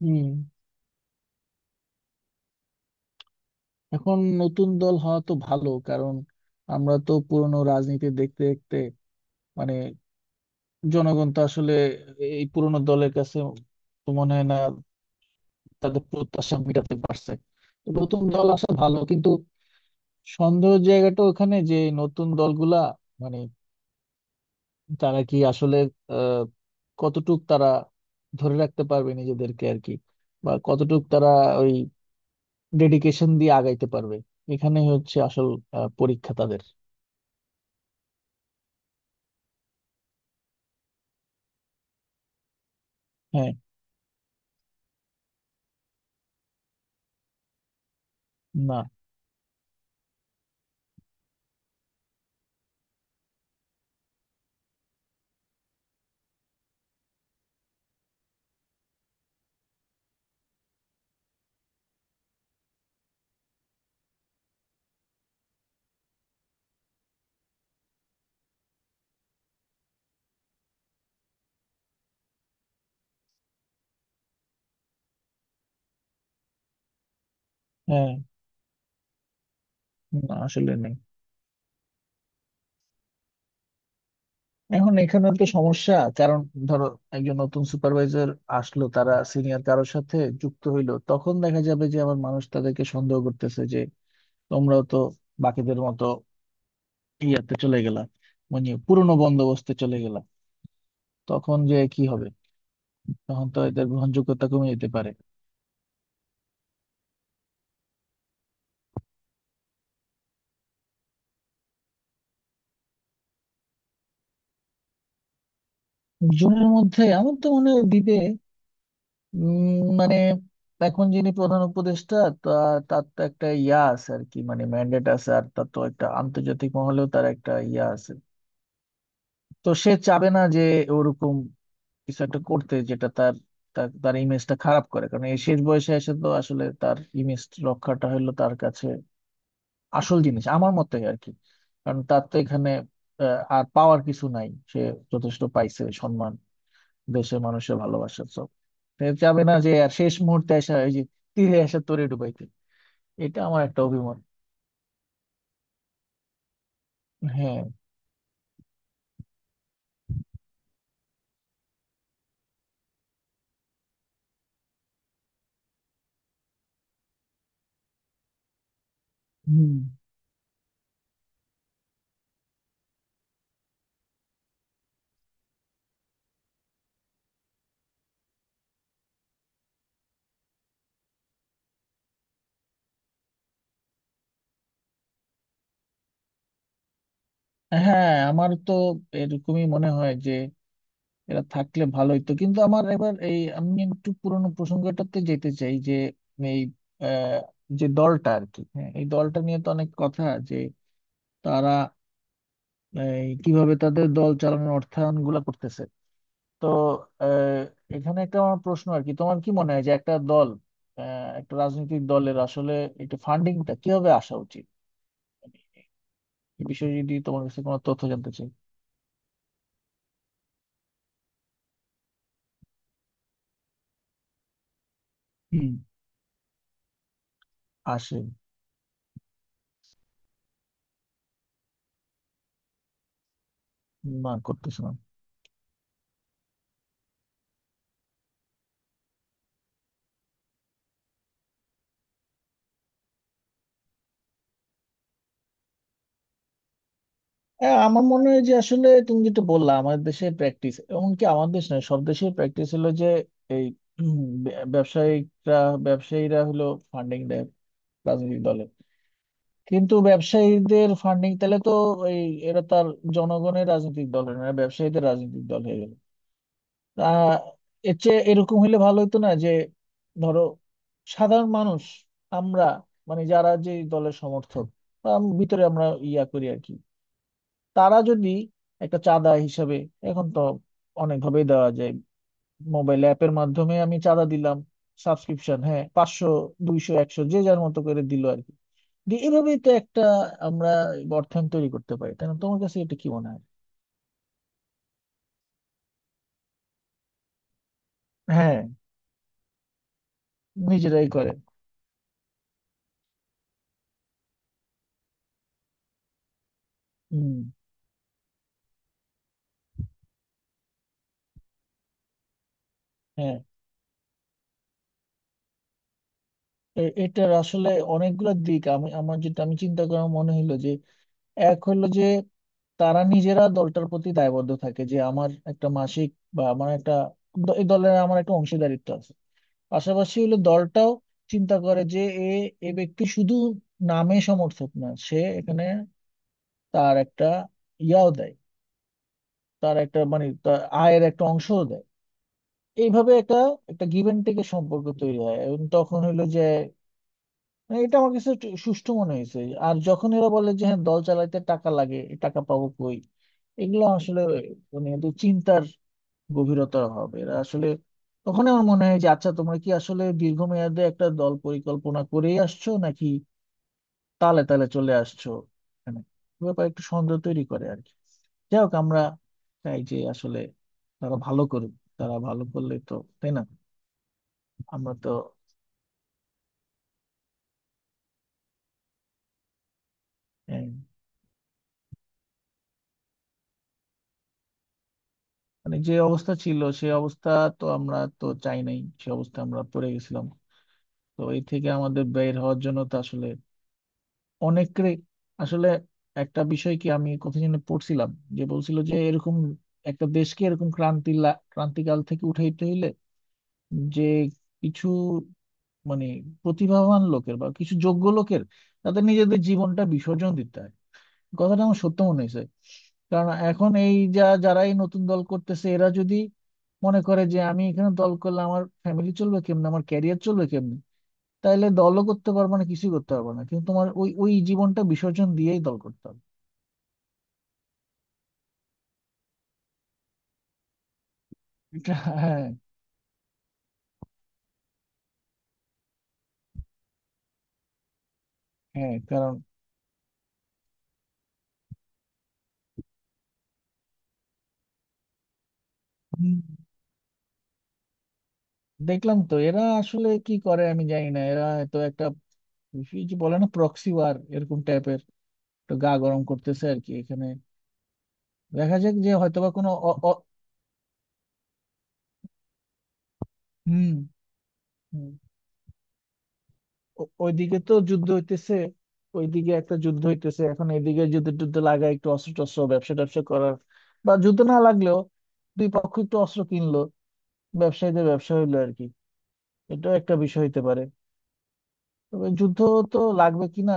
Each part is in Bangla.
হুম। এখন নতুন দল হওয়া তো ভালো, কারণ আমরা তো পুরনো রাজনীতি দেখতে দেখতে, মানে জনগণ তো আসলে এই পুরনো দলের কাছে, তো মনে হয় না তাদের প্রত্যাশা মেটাতে পারছে। তো নতুন দল আসা ভালো, কিন্তু সন্দেহের জায়গাটা ওখানে যে এই নতুন দলগুলা, মানে তারা কি আসলে আহ কতটুক তারা ধরে রাখতে পারবে নিজেদেরকে আর কি, বা কতটুক তারা ওই ডেডিকেশন দিয়ে আগাইতে পারবে। এখানে হচ্ছে আসল পরীক্ষা তাদের। হ্যাঁ। না, হ্যাঁ, না আসলে নেই। এখন এখানে তো সমস্যা, কারণ ধরো একজন নতুন সুপারভাইজার আসলো, তারা সিনিয়র কারোর সাথে যুক্ত হইলো, তখন দেখা যাবে যে আমার মানুষ তাদেরকে সন্দেহ করতেছে যে তোমরাও তো বাকিদের মতো ইয়াতে চলে গেলা, মানে পুরোনো বন্দোবস্তে চলে গেলা। তখন যে কি হবে, তখন তো এদের গ্রহণযোগ্যতা কমে যেতে পারে। জুনের মধ্যে আমার তো মনে হয় দিবে। উম, মানে এখন যিনি প্রধান উপদেষ্টা, তা তার তো একটা ইয়া আছে আর কি, মানে ম্যান্ডেট আছে, আর তার তো একটা আন্তর্জাতিক মহলেও তার একটা ইয়া আছে। তো সে চাবে না যে ওরকম কিছু একটা করতে, যেটা তার তার তার ইমেজটা খারাপ করে। কারণ এই শেষ বয়সে এসে তো আসলে তার ইমেজ রক্ষাটা হলো তার কাছে আসল জিনিস, আমার মতে আর কি। কারণ তার তো এখানে আর পাওয়ার কিছু নাই। সে যথেষ্ট পাইছে সম্মান, দেশের মানুষের ভালোবাসা। So তা যাবে না যে আর শেষ মুহূর্তে আসা ওই যে তীরে আসা তরে ডুবাইতে। এটা আমার একটা অভিমত। হ্যাঁ। হুম। হ্যাঁ, আমার তো এরকমই মনে হয় যে এরা থাকলে ভালোই, তো কিন্তু আমার এবার এই আমি একটু পুরোনো প্রসঙ্গটাতে যেতে চাই যে এই আহ, যে দলটা আর কি, হ্যাঁ, এই দলটা নিয়ে তো অনেক কথা যে তারা এই, কিভাবে তাদের দল চালানোর অর্থায়ন গুলা করতেছে। তো এখানে একটা আমার প্রশ্ন আর কি, তোমার কি মনে হয় যে একটা দল, একটা রাজনৈতিক দলের আসলে একটু ফান্ডিংটা কিভাবে আসা উচিত? এই বিষয়ে যদি তোমার কাছে কোনো তথ্য জানতে চাই। হুম। আসে। না, করতেছে না। হ্যাঁ, আমার মনে হয় যে আসলে তুমি যেটা বললা, আমাদের দেশের প্র্যাকটিস, এমনকি আমাদের দেশ নয় সব দেশের প্র্যাকটিস হলো যে এই ব্যবসায়িকরা, ব্যবসায়ীরা হলো ফান্ডিং দেয় রাজনৈতিক দলে। কিন্তু ব্যবসায়ীদের ফান্ডিং তাহলে তো এই এরা তার জনগণের রাজনৈতিক দল না, এরা ব্যবসায়ীদের রাজনৈতিক দল হয়ে গেল। তা এর চেয়ে এরকম হলে ভালো হতো না যে, ধরো সাধারণ মানুষ, আমরা, মানে যারা যে দলের সমর্থক বা ভিতরে আমরা ইয়া করি আর কি, তারা যদি একটা চাঁদা হিসাবে, এখন তো অনেকভাবেই দেওয়া যায়, মোবাইল অ্যাপের মাধ্যমে আমি চাঁদা দিলাম, সাবস্ক্রিপশন, হ্যাঁ, 500, 200, 100, যে যার মতো করে দিল, যে এভাবেই তো একটা আমরা অর্থায়ন তৈরি করতে পারি, তাই না? তোমার কাছে এটা কি মনে হয়? হ্যাঁ, নিজেরাই করে। হুম। হ্যাঁ, এটার আসলে অনেকগুলো দিক, আমি আমার যেটা আমি চিন্তা করা মনে হলো যে এক হলো যে তারা নিজেরা দলটার প্রতি দায়বদ্ধ থাকে যে আমার একটা মাসিক, বা আমার একটা এই দলের আমার একটা অংশীদারিত্ব আছে। পাশাপাশি হলো দলটাও চিন্তা করে যে এ এ ব্যক্তি শুধু নামে সমর্থক না, সে এখানে তার একটা ইয়াও দেয়, তার একটা মানে তার আয়ের একটা অংশ দেয়। এইভাবে একটা একটা গিভ অ্যান্ড টেকের সম্পর্ক তৈরি হয়। এবং তখন হইলো যে, মানে এটা আমার কাছে একটু সুষ্ঠু মনে হয়েছে। আর যখন এরা বলে যে হ্যাঁ দল চালাইতে টাকা লাগে, এই টাকা পাবো কই, এগুলো আসলে মানে একটু চিন্তার গভীরতা হবে এরা আসলে, তখন আমার মনে হয় যে আচ্ছা তোমরা কি আসলে দীর্ঘমেয়াদে একটা দল পরিকল্পনা করেই আসছো, নাকি তালে তালে চলে আসছো? এখানে ব্যাপার একটু সন্দেহ তৈরি করে আর কি। যাই হোক, আমরা চাই যে আসলে তারা ভালো করুক। তারা ভালো করলে তো, তাই না? আমরা তো আহ, মানে যে অবস্থা ছিল সে অবস্থা তো আমরা তো চাই নাই, সে অবস্থা আমরা পড়ে গেছিলাম। তো এই থেকে আমাদের বের হওয়ার জন্য তো আসলে অনেকের আসলে একটা বিষয়, কি আমি কোথায় যেন পড়ছিলাম, যে বলছিল যে এরকম একটা দেশকে এরকম ক্রান্তিকাল থেকে উঠাইতে হইলে যে কিছু মানে প্রতিভাবান লোকের বা কিছু যোগ্য লোকের তাদের নিজেদের জীবনটা বিসর্জন দিতে হয়। কথাটা আমার সত্য মনে হয়েছে, কারণ এখন এই যা যারা এই নতুন দল করতেছে, এরা যদি মনে করে যে আমি এখানে দল করলে আমার ফ্যামিলি চলবে কেমনে, আমার ক্যারিয়ার চলবে কেমনে, তাহলে দলও করতে পারবে না, কিছুই করতে পারবে না। কিন্তু তোমার ওই ওই জীবনটা বিসর্জন দিয়েই দল করতে হবে। এটা, হ্যাঁ, হ্যাঁ, কারণ হুম, দেখলাম তো, এরা আসলে কি করে আমি জানি না, এরা তো একটা কি যে বলে না, প্রক্সি ওয়ার এরকম টাইপের একটু গা গরম করতেছে আর কি এখানে। দেখা যাক যে হয়তোবা কোনো হুম। হুম। ওইদিকে তো যুদ্ধ হইতেছে, ওইদিকে একটা যুদ্ধ হইতেছে, এখন এদিকে যুদ্ধ টুদ্ধ লাগায় একটু অস্ত্র টস্ত্র ব্যবসা ট্যাবসা করার, বা যুদ্ধ না লাগলেও দুই পক্ষ একটু অস্ত্র কিনলো, ব্যবসায়ীদের ব্যবসা হইলো আর কি। এটাও একটা বিষয় হইতে পারে। তবে যুদ্ধ তো লাগবে কিনা,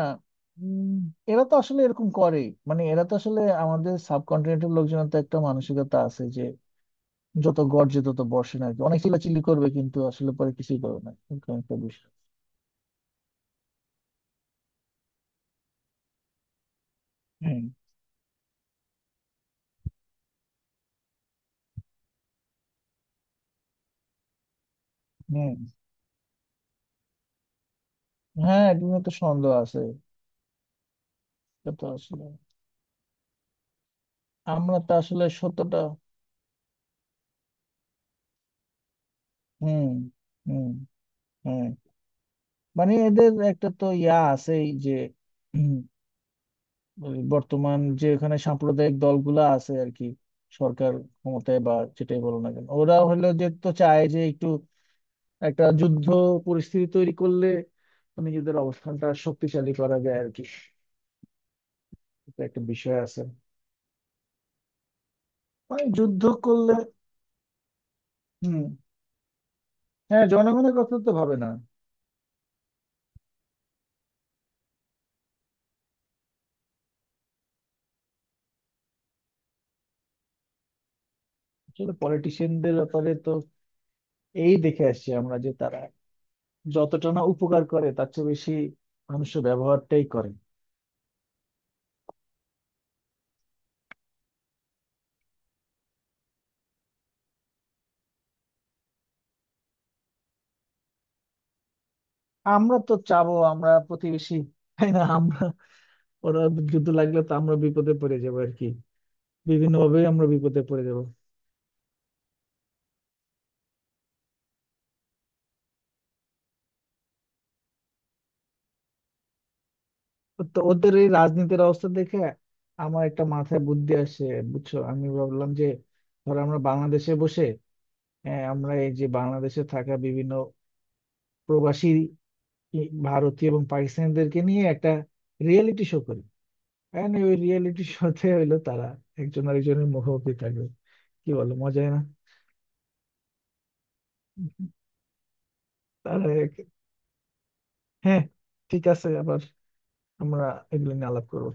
উম, এরা তো আসলে এরকম করে, মানে এরা তো আসলে আমাদের সাবকন্টিনেন্টের লোকজনের তো একটা মানসিকতা আছে, যত গর্জে তত বর্ষে না আর কি, অনেক চিল্লাচিল্লি করবে কিন্তু আসলে পরে কিছুই করবে না, এরকম একটা বিষয়। হম। হম। হ্যাঁ, এগুলো তো সন্দেহ আছে। এটা তো আসলে আমরা তো আসলে সত্যটা হম, হম, হ্যাঁ, মানে এদের একটা তো ইয়া আছে, এই যে হুম, ওই বর্তমান যে এখানে সাম্প্রদায়িক দলগুলা আছে আর কি, সরকার ক্ষমতায় বা যেটাই বলো না কেন, ওরা হলো যে তো চায় যে একটু একটা যুদ্ধ পরিস্থিতি তৈরি করলে নিজেদের অবস্থানটা শক্তিশালী করা যায় আর কি। এটা একটা বিষয় আছে। মানে যুদ্ধ করলে হুম হ্যাঁ জনগণের কথা তো ভাবে না। আসলে পলিটিশিয়ানদের ব্যাপারে তো এই দেখে আসছি আমরা, যে তারা যতটা না উপকার করে তার চেয়ে বেশি মানুষের ব্যবহারটাই করে। আমরা তো চাবো আমরা প্রতিবেশী, তাই না? আমরা, ওরা, যুদ্ধ লাগলে তো আমরা বিপদে পড়ে যাবো আর কি, বিভিন্ন ভাবে আমরা বিপদে পড়ে যাবো। তো ওদের এই রাজনীতির অবস্থা দেখে আমার একটা মাথায় বুদ্ধি আসে, বুঝছো? আমি ভাবলাম যে ধর আমরা বাংলাদেশে বসে, হ্যাঁ আমরা এই যে বাংলাদেশে থাকা বিভিন্ন প্রবাসী ভারতীয় এবং পাকিস্তানিদেরকে নিয়ে একটা রিয়েলিটি শো করি। And ওই রিয়েলিটি শোতে হইলো তারা একজন আরেকজনের মুখোমুখি থাকবে। কি বলো, মজাই না? তারা এক- হ্যাঁ, ঠিক আছে, আবার আমরা এগুলো নিয়ে আলাপ করবো।